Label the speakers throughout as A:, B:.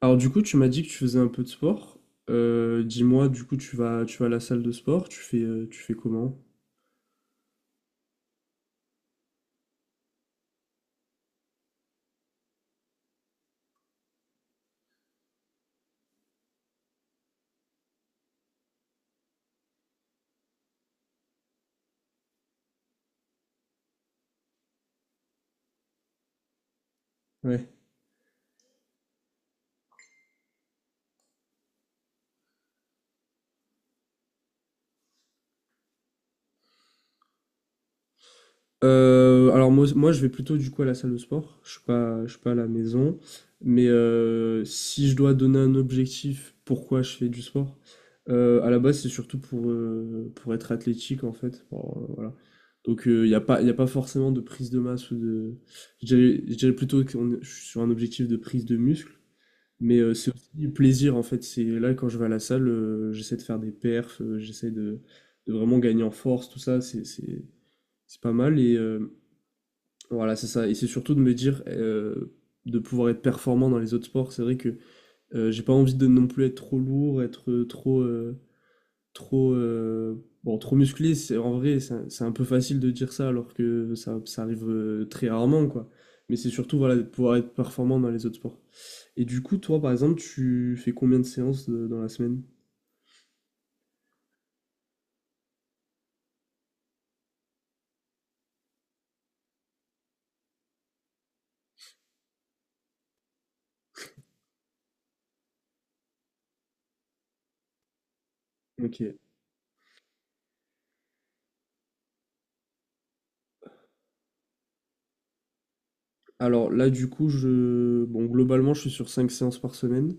A: Alors du coup, tu m'as dit que tu faisais un peu de sport. Dis-moi, du coup, tu vas à la salle de sport, tu fais comment? Ouais. Alors moi, je vais plutôt du coup à la salle de sport. Je suis pas à la maison. Mais si je dois donner un objectif, pourquoi je fais du sport? À la base, c'est surtout pour pour être athlétique en fait. Bon, voilà. Donc il n'y a pas, y a pas forcément de prise de masse ou de. Je dirais plutôt que je suis sur un objectif de prise de muscle. Mais c'est aussi du plaisir en fait. C'est là quand je vais à la salle, j'essaie de faire des perfs, de vraiment gagner en force, tout ça, c'est pas mal. Voilà, c'est ça. Et c'est surtout de me dire de pouvoir être performant dans les autres sports. C'est vrai que j'ai pas envie de non plus être trop lourd, être trop trop bon, trop musclé. C'est en vrai, c'est un peu facile de dire ça alors que ça arrive très rarement quoi. Mais c'est surtout voilà de pouvoir être performant dans les autres sports. Et du coup, toi, par exemple, tu fais combien de séances dans la semaine? Ok. Alors là, du coup, je... Bon, globalement, je suis sur 5 séances par semaine.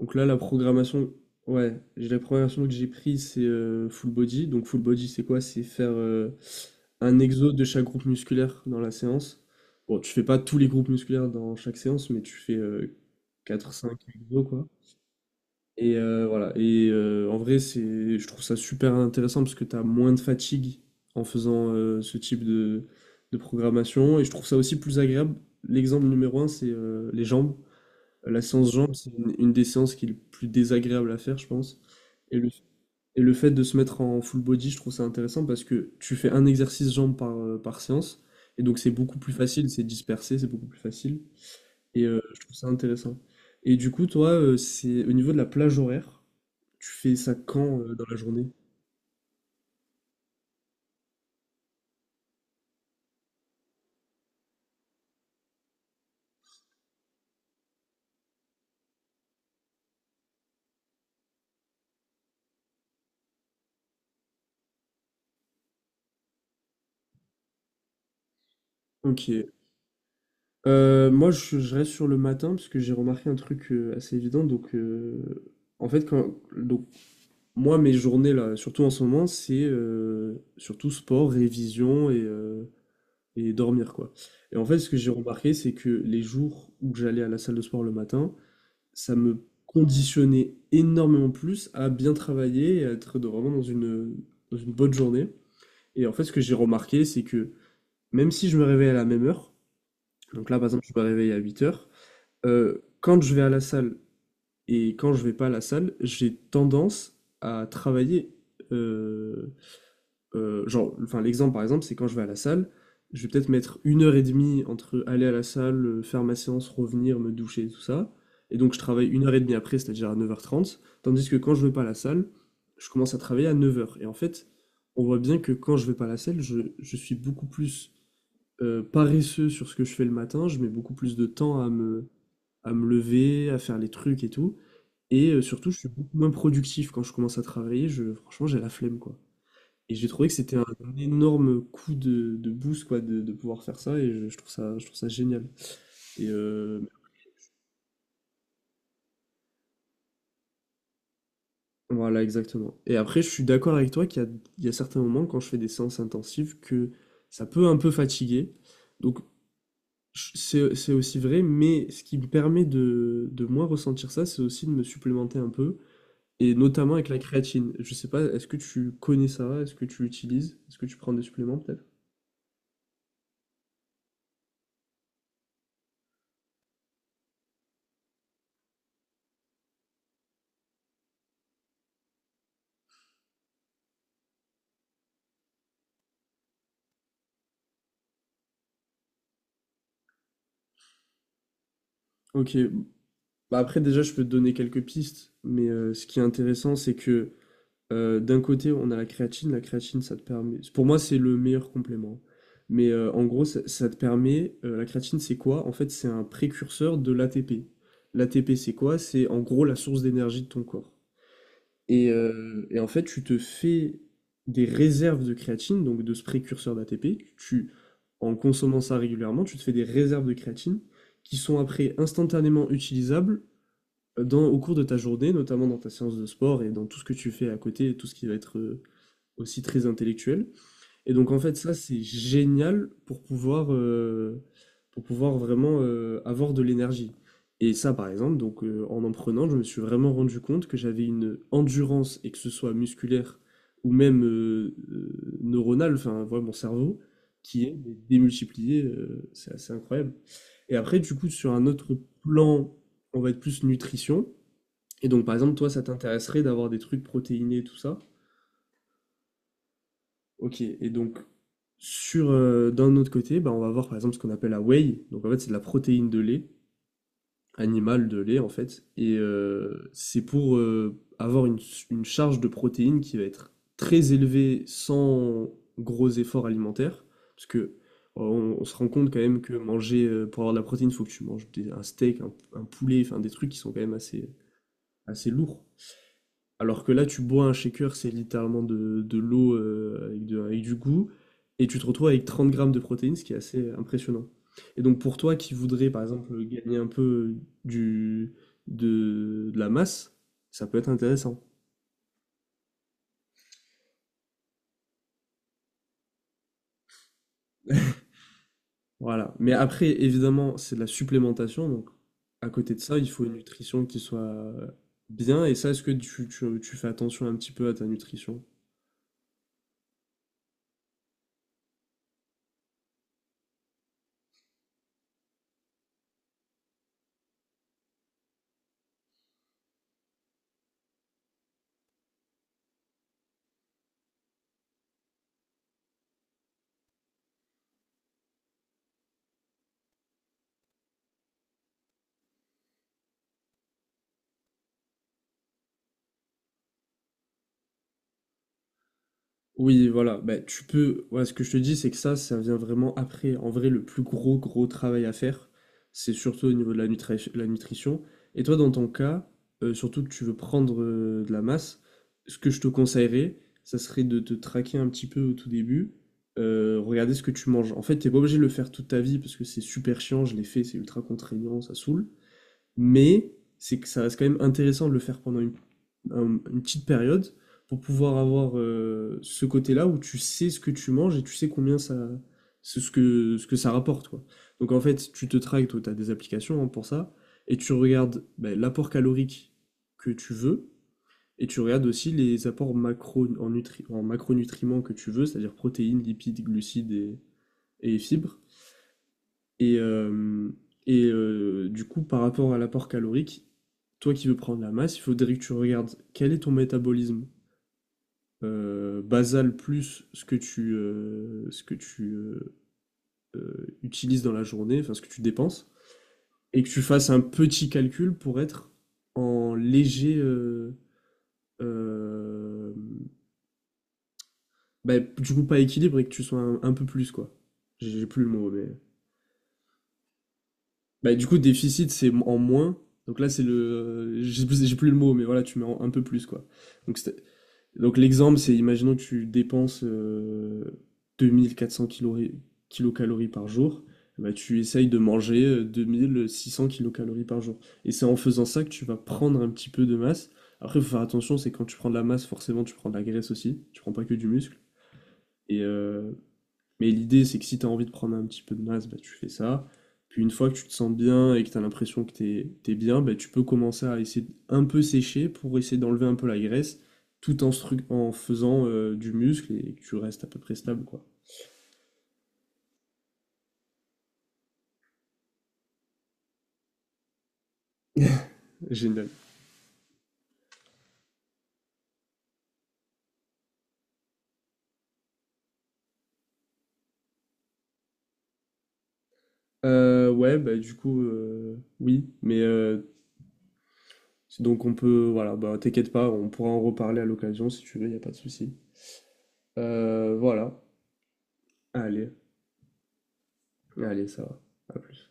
A: Donc là, la programmation... Ouais, j'ai la programmation que j'ai prise, c'est full body. Donc full body, c'est quoi? C'est faire un exo de chaque groupe musculaire dans la séance. Bon, tu fais pas tous les groupes musculaires dans chaque séance, mais tu fais quatre, cinq exos, quoi. Voilà. Et en vrai, je trouve ça super intéressant parce que tu as moins de fatigue en faisant ce type de programmation. Et je trouve ça aussi plus agréable. L'exemple numéro un, c'est les jambes. La séance jambes, c'est une des séances qui est le plus désagréable à faire, je pense. Et le, et le fait de se mettre en full body, je trouve ça intéressant parce que tu fais un exercice jambes par séance. Et donc, c'est beaucoup plus facile, c'est dispersé, c'est beaucoup plus facile. Je trouve ça intéressant. Et du coup, toi, c'est au niveau de la plage horaire, tu fais ça quand dans la journée? Ok. Moi, je reste sur le matin parce que j'ai remarqué un truc assez évident. Donc, en fait, moi, mes journées, là, surtout en ce moment, c'est surtout sport, révision et et dormir, quoi. Et en fait, ce que j'ai remarqué, c'est que les jours où j'allais à la salle de sport le matin, ça me conditionnait énormément plus à bien travailler et à être vraiment dans dans une bonne journée. Et en fait, ce que j'ai remarqué, c'est que même si je me réveille à la même heure, donc là, par exemple, je me réveille à 8h, quand je vais à la salle et quand je vais pas à la salle, j'ai tendance à travailler euh, enfin, l'exemple par exemple, c'est quand je vais à la salle, je vais peut-être mettre une heure et demie entre aller à la salle, faire ma séance, revenir, me doucher, tout ça. Et donc, je travaille une heure et demie après, c'est-à-dire à 9h30. Tandis que quand je vais pas à la salle, je commence à travailler à 9h. Et en fait, on voit bien que quand je vais pas à la salle, je suis beaucoup plus paresseux sur ce que je fais le matin. Je mets beaucoup plus de temps à à me lever, à faire les trucs et tout. Et surtout, je suis beaucoup moins productif quand je commence à travailler. Je, franchement, j'ai la flemme, quoi. Et j'ai trouvé que c'était un énorme coup de boost, quoi, de pouvoir faire ça, et je trouve ça génial. Et euh, voilà, exactement. Et après, je suis d'accord avec toi il y a certains moments, quand je fais des séances intensives, que ça peut un peu fatiguer. Donc, c'est aussi vrai, mais ce qui me permet de moins ressentir ça, c'est aussi de me supplémenter un peu, et notamment avec la créatine. Je sais pas, est-ce que tu connais ça? Est-ce que tu l'utilises? Est-ce que tu prends des suppléments, peut-être? Ok, bah après, déjà, je peux te donner quelques pistes, mais ce qui est intéressant, c'est que d'un côté, on a la créatine. La créatine, ça te permet. Pour moi, c'est le meilleur complément. Mais en gros, ça te permet. La créatine, c'est quoi? En fait, c'est un précurseur de l'ATP. L'ATP, c'est quoi? C'est en gros la source d'énergie de ton corps. Et en fait, tu te fais des réserves de créatine, donc de ce précurseur d'ATP. En consommant ça régulièrement, tu te fais des réserves de créatine qui sont après instantanément utilisables dans, au cours de ta journée, notamment dans ta séance de sport et dans tout ce que tu fais à côté, et tout ce qui va être aussi très intellectuel. Et donc en fait, ça, c'est génial pour pour pouvoir vraiment avoir de l'énergie. Et ça, par exemple, donc en prenant, je me suis vraiment rendu compte que j'avais une endurance, et que ce soit musculaire ou même neuronale, enfin, voilà, mon cerveau, qui est mais démultiplié, c'est assez incroyable. Et après, du coup, sur un autre plan, on va être plus nutrition. Et donc, par exemple, toi, ça t'intéresserait d'avoir des trucs protéinés et tout ça. Ok, et donc, sur, d'un autre côté, bah, on va voir par exemple ce qu'on appelle la whey. Donc, en fait, c'est de la protéine de lait, animale de lait, en fait. Et c'est pour avoir une charge de protéines qui va être très élevée sans gros efforts alimentaires. Parce que on se rend compte quand même que manger, pour avoir de la protéine, il faut que tu manges un steak, un poulet, enfin des trucs qui sont quand même assez, assez lourds. Alors que là, tu bois un shaker, c'est littéralement de l'eau avec du goût, et tu te retrouves avec 30 grammes de protéines, ce qui est assez impressionnant. Et donc pour toi qui voudrais, par exemple, gagner un peu du, de la masse, ça peut être intéressant. Voilà. Mais après, évidemment, c'est de la supplémentation, donc à côté de ça, il faut une nutrition qui soit bien, et ça, est-ce que tu fais attention un petit peu à ta nutrition? Oui, voilà. Bah, tu peux. Ouais, ce que je te dis, c'est que ça vient vraiment après. En vrai, le plus gros, gros travail à faire, c'est surtout au niveau de la nutrition. Et toi, dans ton cas, surtout que tu veux prendre de la masse, ce que je te conseillerais, ça serait de te traquer un petit peu au tout début. Regarder ce que tu manges. En fait, t'es pas obligé de le faire toute ta vie parce que c'est super chiant, je l'ai fait, c'est ultra contraignant, ça saoule. Mais c'est que ça reste quand même intéressant de le faire pendant une petite période pour pouvoir avoir ce côté-là où tu sais ce que tu manges et tu sais combien ça, c'est ce que ça rapporte, quoi. Donc en fait, tu te traques, toi, tu as des applications hein, pour ça, et tu regardes ben, l'apport calorique que tu veux, et tu regardes aussi les apports macro, en macronutriments que tu veux, c'est-à-dire protéines, lipides, glucides et fibres. Et, euh, et du coup, par rapport à l'apport calorique, toi qui veux prendre la masse, il faudrait que tu regardes quel est ton métabolisme basal plus ce que tu utilises dans la journée, enfin ce que tu dépenses, et que tu fasses un petit calcul pour être en léger, euh, bah, du coup pas équilibre et que tu sois un peu plus quoi. J'ai plus le mot, mais bah, du coup déficit c'est en moins, donc là c'est le, j'ai plus le mot, mais voilà tu mets un peu plus quoi. Donc c'est- Donc l'exemple, c'est imaginons que tu dépenses 2400 kilocalories par jour, bah tu essayes de manger 2600 kilocalories par jour. Et c'est en faisant ça que tu vas prendre un petit peu de masse. Après, il faut faire attention, c'est quand tu prends de la masse, forcément, tu prends de la graisse aussi, tu prends pas que du muscle. Et, euh, mais l'idée, c'est que si tu as envie de prendre un petit peu de masse, bah, tu fais ça. Puis une fois que tu te sens bien et que tu as l'impression que t'es bien, bah, tu peux commencer à essayer de un peu sécher pour essayer d'enlever un peu la graisse, tout en, en faisant du muscle et que tu restes à peu près stable, quoi. Génial. Ouais, bah du coup, oui, mais donc on peut, voilà, bah t'inquiète pas, on pourra en reparler à l'occasion si tu veux, y a pas de souci. Voilà. Allez, allez, ça va. À plus.